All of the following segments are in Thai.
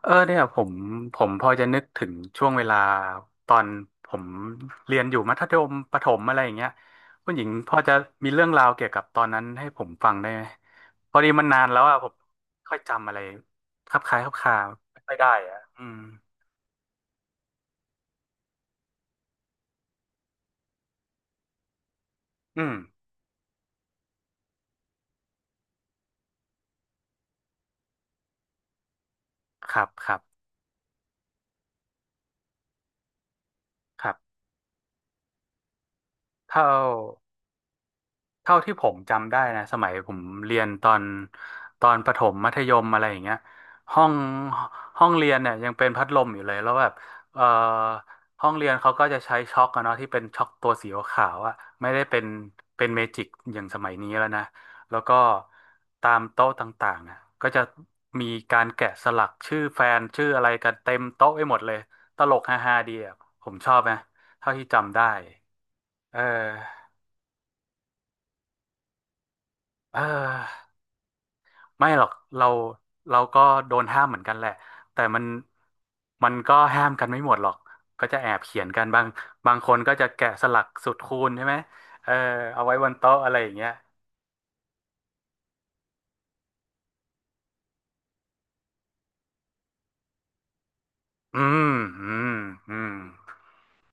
เออเนี่ยผมพอจะนึกถึงช่วงเวลาตอนผมเรียนอยู่มัธยมประถมอะไรอย่างเงี้ยคุณหญิงพอจะมีเรื่องราวเกี่ยวกับตอนนั้นให้ผมฟังได้ไหมพอดีมันนานแล้วอ่ะผมไม่ค่อยจำอะไรคลับคล้ายคลับคลาไม่ค่อยได้อ่ะอืมอืมครับครับครับเท่า เท่าที่ผมจำได้นะสมัยผมเรียนตอนประถมมัธยมอะไรอย่างเงี้ยห้องห้องเรียนเนี่ยยังเป็นพัดลมอยู่เลยแล้วแบบเอ่อห้องเรียนเขาก็จะใช้ช็อคอะเนาะที่เป็นช็อคตัวสีขาวๆอะไม่ได้เป็นเมจิกอย่างสมัยนี้แล้วนะแล้วก็ตามโต๊ะต่างๆนะก็จะมีการแกะสลักชื่อแฟนชื่ออะไรกันเต็มโต๊ะไปหมดเลยตลกฮาๆดีอะผมชอบนะเท่าที่จำได้เออเออ ไม่หรอกเราเราก็โดนห้ามเหมือนกันแหละแต่มันมันก็ห้ามกันไม่หมดหรอกก็จะแอบเขียนกันบางคนก็จะแกะสลักสูตรคูณใช่ไหมเออเอาไว้บนโต๊ะอะไรอย่างเงี้ยอืมอืมอืม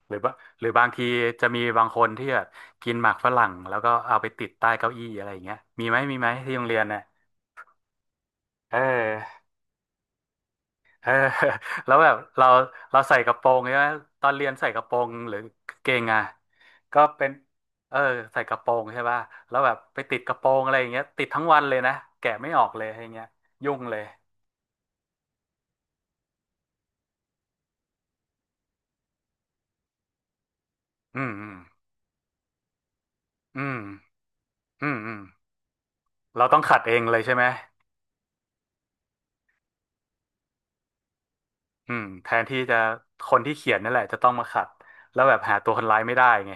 หรือว่าหรือบางทีจะมีบางคนที่แบบกินหมากฝรั่งแล้วก็เอาไปติดใต้เก้าอี้อะไรอย่างเงี้ยมีไหมมีไหมที่โรงเรียนน่ะเออ เออ แล้วแบบเราใส่กระโปรงใช่ไหมตอนเรียนใส่กระโปรงหรือกางเกงอ่ะก็เป็นเออใส่กระโปรงใช่ป่ะแล้วแบบไปติดกระโปรงอะไรอย่างเงี้ยติดทั้งวันเลยนะแกะไม่ออกเลยอย่างเงี้ยยุ่งเลยอืมอืมอืมอืมอืมเราต้องขัดเองเลยใช่ไหมอืมแทนที่จะคนที่เขียนนั่นแหละจะต้องมาขัดแล้วแบบหาตัวคนร้ายไม่ได้ไง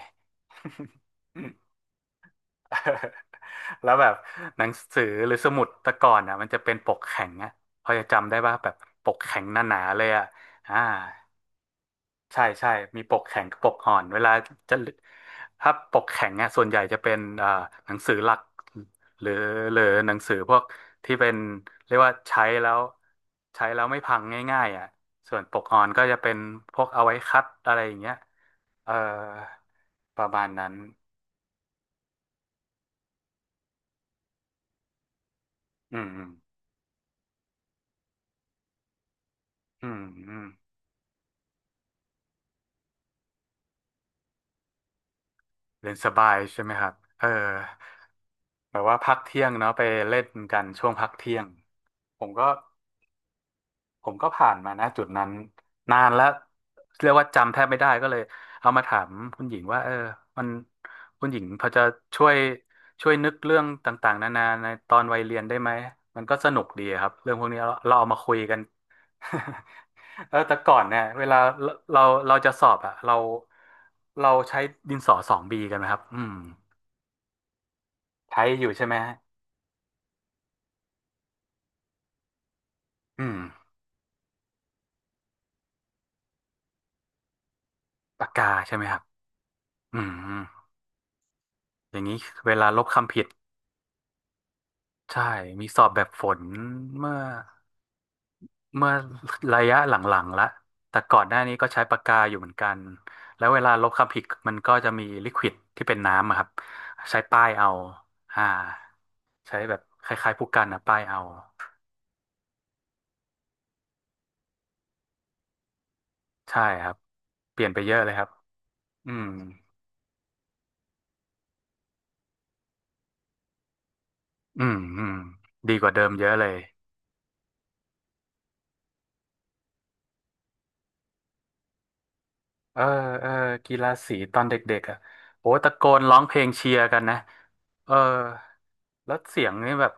แล้วแบบหนังสือหรือสมุดแต่ก่อนอ่ะมันจะเป็นปกแข็งอ่ะพอจะจำได้ป่ะแบบปกแข็งหนาๆเลยอ่ะอ่าใช่ใช่มีปกแข็งกับปกอ่อนเวลาจะถ้าปกแข็งอ่ะส่วนใหญ่จะเป็นหนังสือหลักหรือหรือหนังสือพวกที่เป็นเรียกว่าใช้แล้วใช้แล้วไม่พังง่ายๆอ่ะส่วนปกอ่อนก็จะเป็นพวกเอาไว้คัดอะไรอย่างเงี้ยเอ่อประมาณนั้นอืมอืมอืม เรียนสบายใช่ไหมครับเออแบบว่าพักเที่ยงเนาะไปเล่นกันช่วงพักเที่ยงผมก็ผมก็ผ่านมานะจุดนั้นนานแล้วเรียกว่าจำแทบไม่ได้ก็เลยเอามาถามคุณหญิงว่าเออมันคุณหญิงพอจะช่วยช่วยนึกเรื่องต่างๆนานาในตอนวัยเรียนได้ไหมมันก็สนุกดีครับเรื่องพวกนี้เราเราเอามาคุยกัน เออแต่ก่อนเนี่ยเวลาเราเราเราจะสอบอะเราใช้ดินสอสองบีกันไหมครับอืม ใช้อยู่ใช่ไหมฮะอืมปากกาใช่ไหมครับอืมอย่างนี้เวลาลบคำผิดใช่มีสอบแบบฝนเมื่อเมื่อระยะหลังๆละแต่ก่อนหน้านี้ก็ใช้ปากกาอยู่เหมือนกันแล้วเวลาลบคำผิดมันก็จะมีลิควิดที่เป็นน้ำอะครับใช้ป้ายเอาอ่าใช้แบบคล้ายๆผู้กันนะป้ายเอาใช่ครับเปลี่ยนไปเยอะเลยครับอืมอืม อืม ดีกว่าเดิมเยอะเลย เออเออกีฬาสีตอนเด็กๆอ่ะโอ้ตะโกนร้องเพลงเชียร์กันนะเออแล้วเสียงนี่แบบ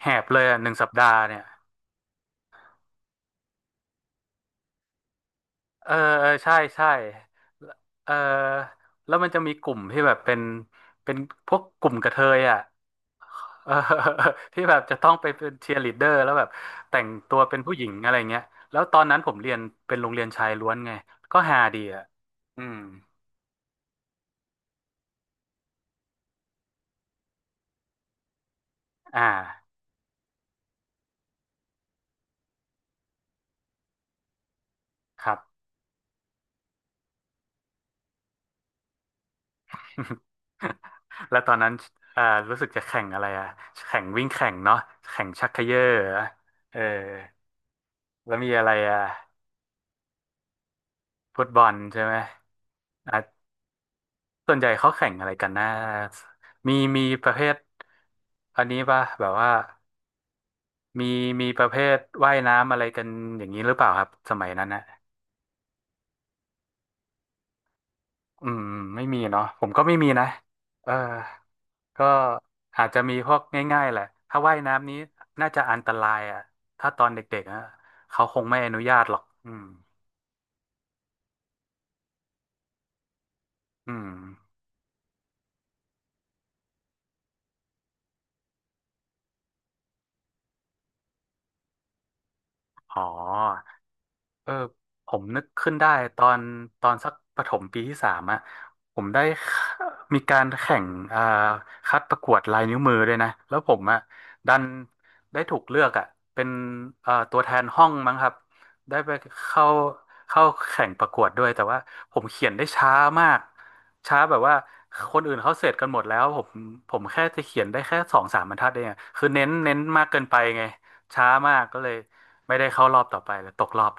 แหบเลยอ่ะ1 สัปดาห์เนี่ยเออเออใช่ใช่เออแล้วมันจะมีกลุ่มที่แบบเป็นเป็นพวกกลุ่มกระเทยอ่ะเออ ที่แบบจะต้องไปเป็นเชียร์ลีดเดอร์แล้วแบบแต่งตัวเป็นผู้หญิงอะไรเงี้ยแล้วตอนนั้นผมเรียนเป็นโรงเรียนชายล้วนไงก็ฮาดีอ่ะอืมอ่าครับ แล้วตอนนั้นอ่ารู้สึกจะแข่งอะไรอ่ะแข่งวิ่งแข่งเนาะแข่งชักเขย่อเหรอเออแล้วมีอะไรอ่ะฟุตบอลใช่ไหมอ่ะส่วนใหญ่เขาแข่งอะไรกันนะมีประเภทอันนี้ป่ะแบบว่ามีมีประเภทว่ายน้ำอะไรกันอย่างนี้หรือเปล่าครับสมัยนั้นนะอืมไม่มีเนาะผมก็ไม่มีนะเออ ก็อาจจะมีพวกง่ายๆแหละ ถ้าว่ายน้ำนี้น่าจะอันตรายอ่ะถ้าตอนเด็กๆนะเขาคงไม่อนุญาตหรอก อืมอืมอ๋อ เออผมนึกขึ้นได้ตอนตอนสักประถมปีที่สามอ่ะผมได้มีการแข่งอ่าคัดประกวดลายนิ้วมือด้วยนะแล้วผมอ่ะดันได้ถูกเลือกอ่ะเป็นตัวแทนห้องมั้งครับได้ไปเข้าเข้าแข่งประกวดด้วยแต่ว่าผมเขียนได้ช้ามากช้าแบบว่าคนอื่นเขาเสร็จกันหมดแล้วผมแค่จะเขียนได้แค่สองสามบรรทัดเองอะคือเน้นเน้นมากเกินไปไงช้ามากก็เลย ไม่ได้เข้ารอบต่อไปเลยตกรอบ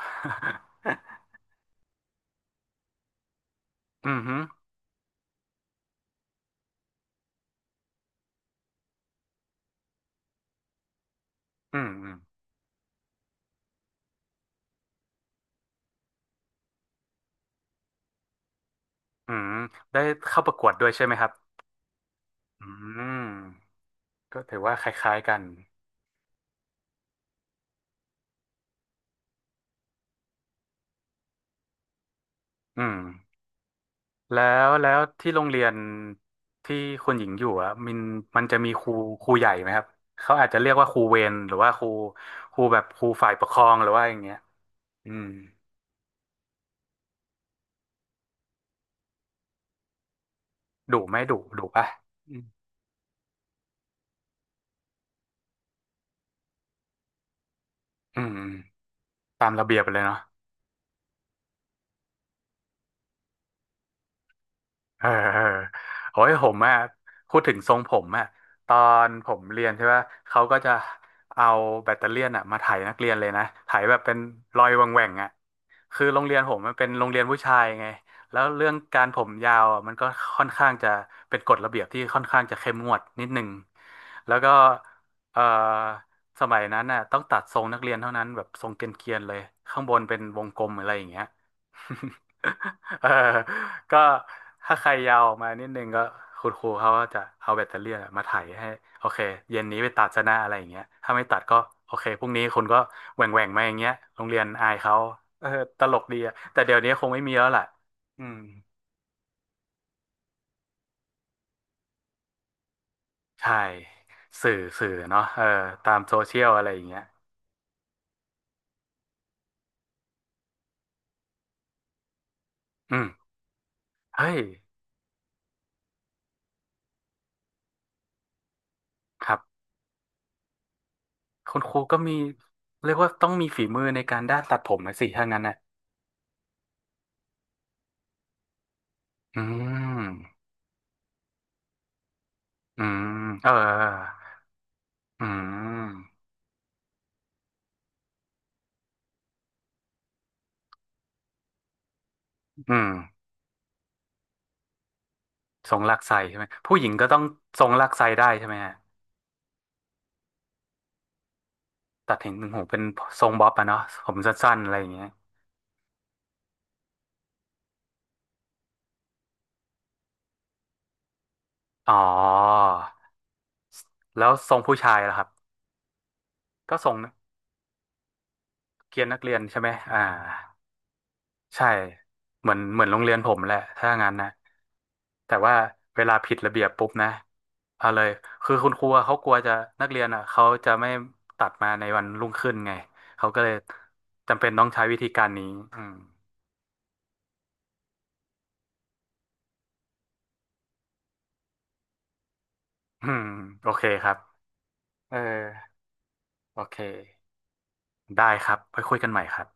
อืมฮึอืมอืมอืมได้เข้าประกวดด้วยใช่ไหมครับอืมก็ถือว่าคล้ายๆกันอืมแล้วที่โรงเรียนที่คุณหญิงอยู่อ่ะมันมันจะมีครูใหญ่ไหมครับเขาอาจจะเรียกว่าครูเวรหรือว่าครูครูแบบครูฝ่ายปกครองหรือว่าอย่างเงี้ยอืมดุไหม่ดุดุป่ะอืมอืมตามระเบียบเลยเนาะ เออเออโอ้ยผมอ่ะพูดถึงทรงผมอ่ะตอนผมเรียนใช่ปะเขาก็จะเอาแบตเตอเลียนอ่ะมาไถนักเรียนเลยนะไถแบบเป็นรอยแหว่งๆอ่ะคือโรงเรียนผมมันเป็นโรงเรียนผู้ชายไงแล้วเรื่องการผมยาวอ่ะมันก็ค่อนข้างจะเป็นกฎระเบียบที่ค่อนข้างจะเข้มงวดนิดนึงแล้วก็เออสมัยนั้นน่ะต้องตัดทรงนักเรียนเท่านั้นแบบทรงเกรียนๆเลยข้างบนเป็นวงกลมอะไรอย่างเงี้ย เออก็ถ้าใครยาวออกมานิดนึงก็คุณครูเขาก็จะเอาแบตเตอรี่อะมาไถ่ายให้โอเคเย็นนี้ไปตัดซะนะอะไรอย่างเงี้ยถ้าไม่ตัดก็โอเคพรุ่งนี้คุณก็แหว่งแหว่งมาอย่างเงี้ยโรงเรียนอายเขาเออตลกดีอะแต่เดี๋ยวนี้คงไม่มีแล้วแหละอืมใช่สื่อสื่อเนาะเออตามโซเชียลอะไรอย่างเงี้ยอืมเฮ้ยครับคุณครูก็มีเรียกว่าต้องมีฝีมือในการด้านตัดผมนะสิถ้างั้นนะอืมอืมเออ อืมอืมทรงลากไส้ใช่ไหมผู้หญิงก็ต้องทรงลากไส้ได้ใช่ไหมฮะตัดเห็นหนึ่งหูเป็นทรงบ๊อบอะเนาะผมสั้นๆอะไรอย่างเงี้ยอ๋อแล้วทรงผู้ชายล่ะครับก็ทรงเกรียนนักเรียนใช่ไหมอ่าใช่เหมือนโรงเรียนผมแหละถ้างั้นนะแต่ว่าเวลาผิดระเบียบปุ๊บนะเอาเลยคือคุณครูอะเขากลัวจะนักเรียนอ่ะเขาจะไม่ตัดมาในวันรุ่งขึ้นไงเขาก็เลยจำเป็นต้องใช้วิธีการนี้อืมอืมโอเคครับ เออโอเคได้ครับไปคุยกันใหม่ครับ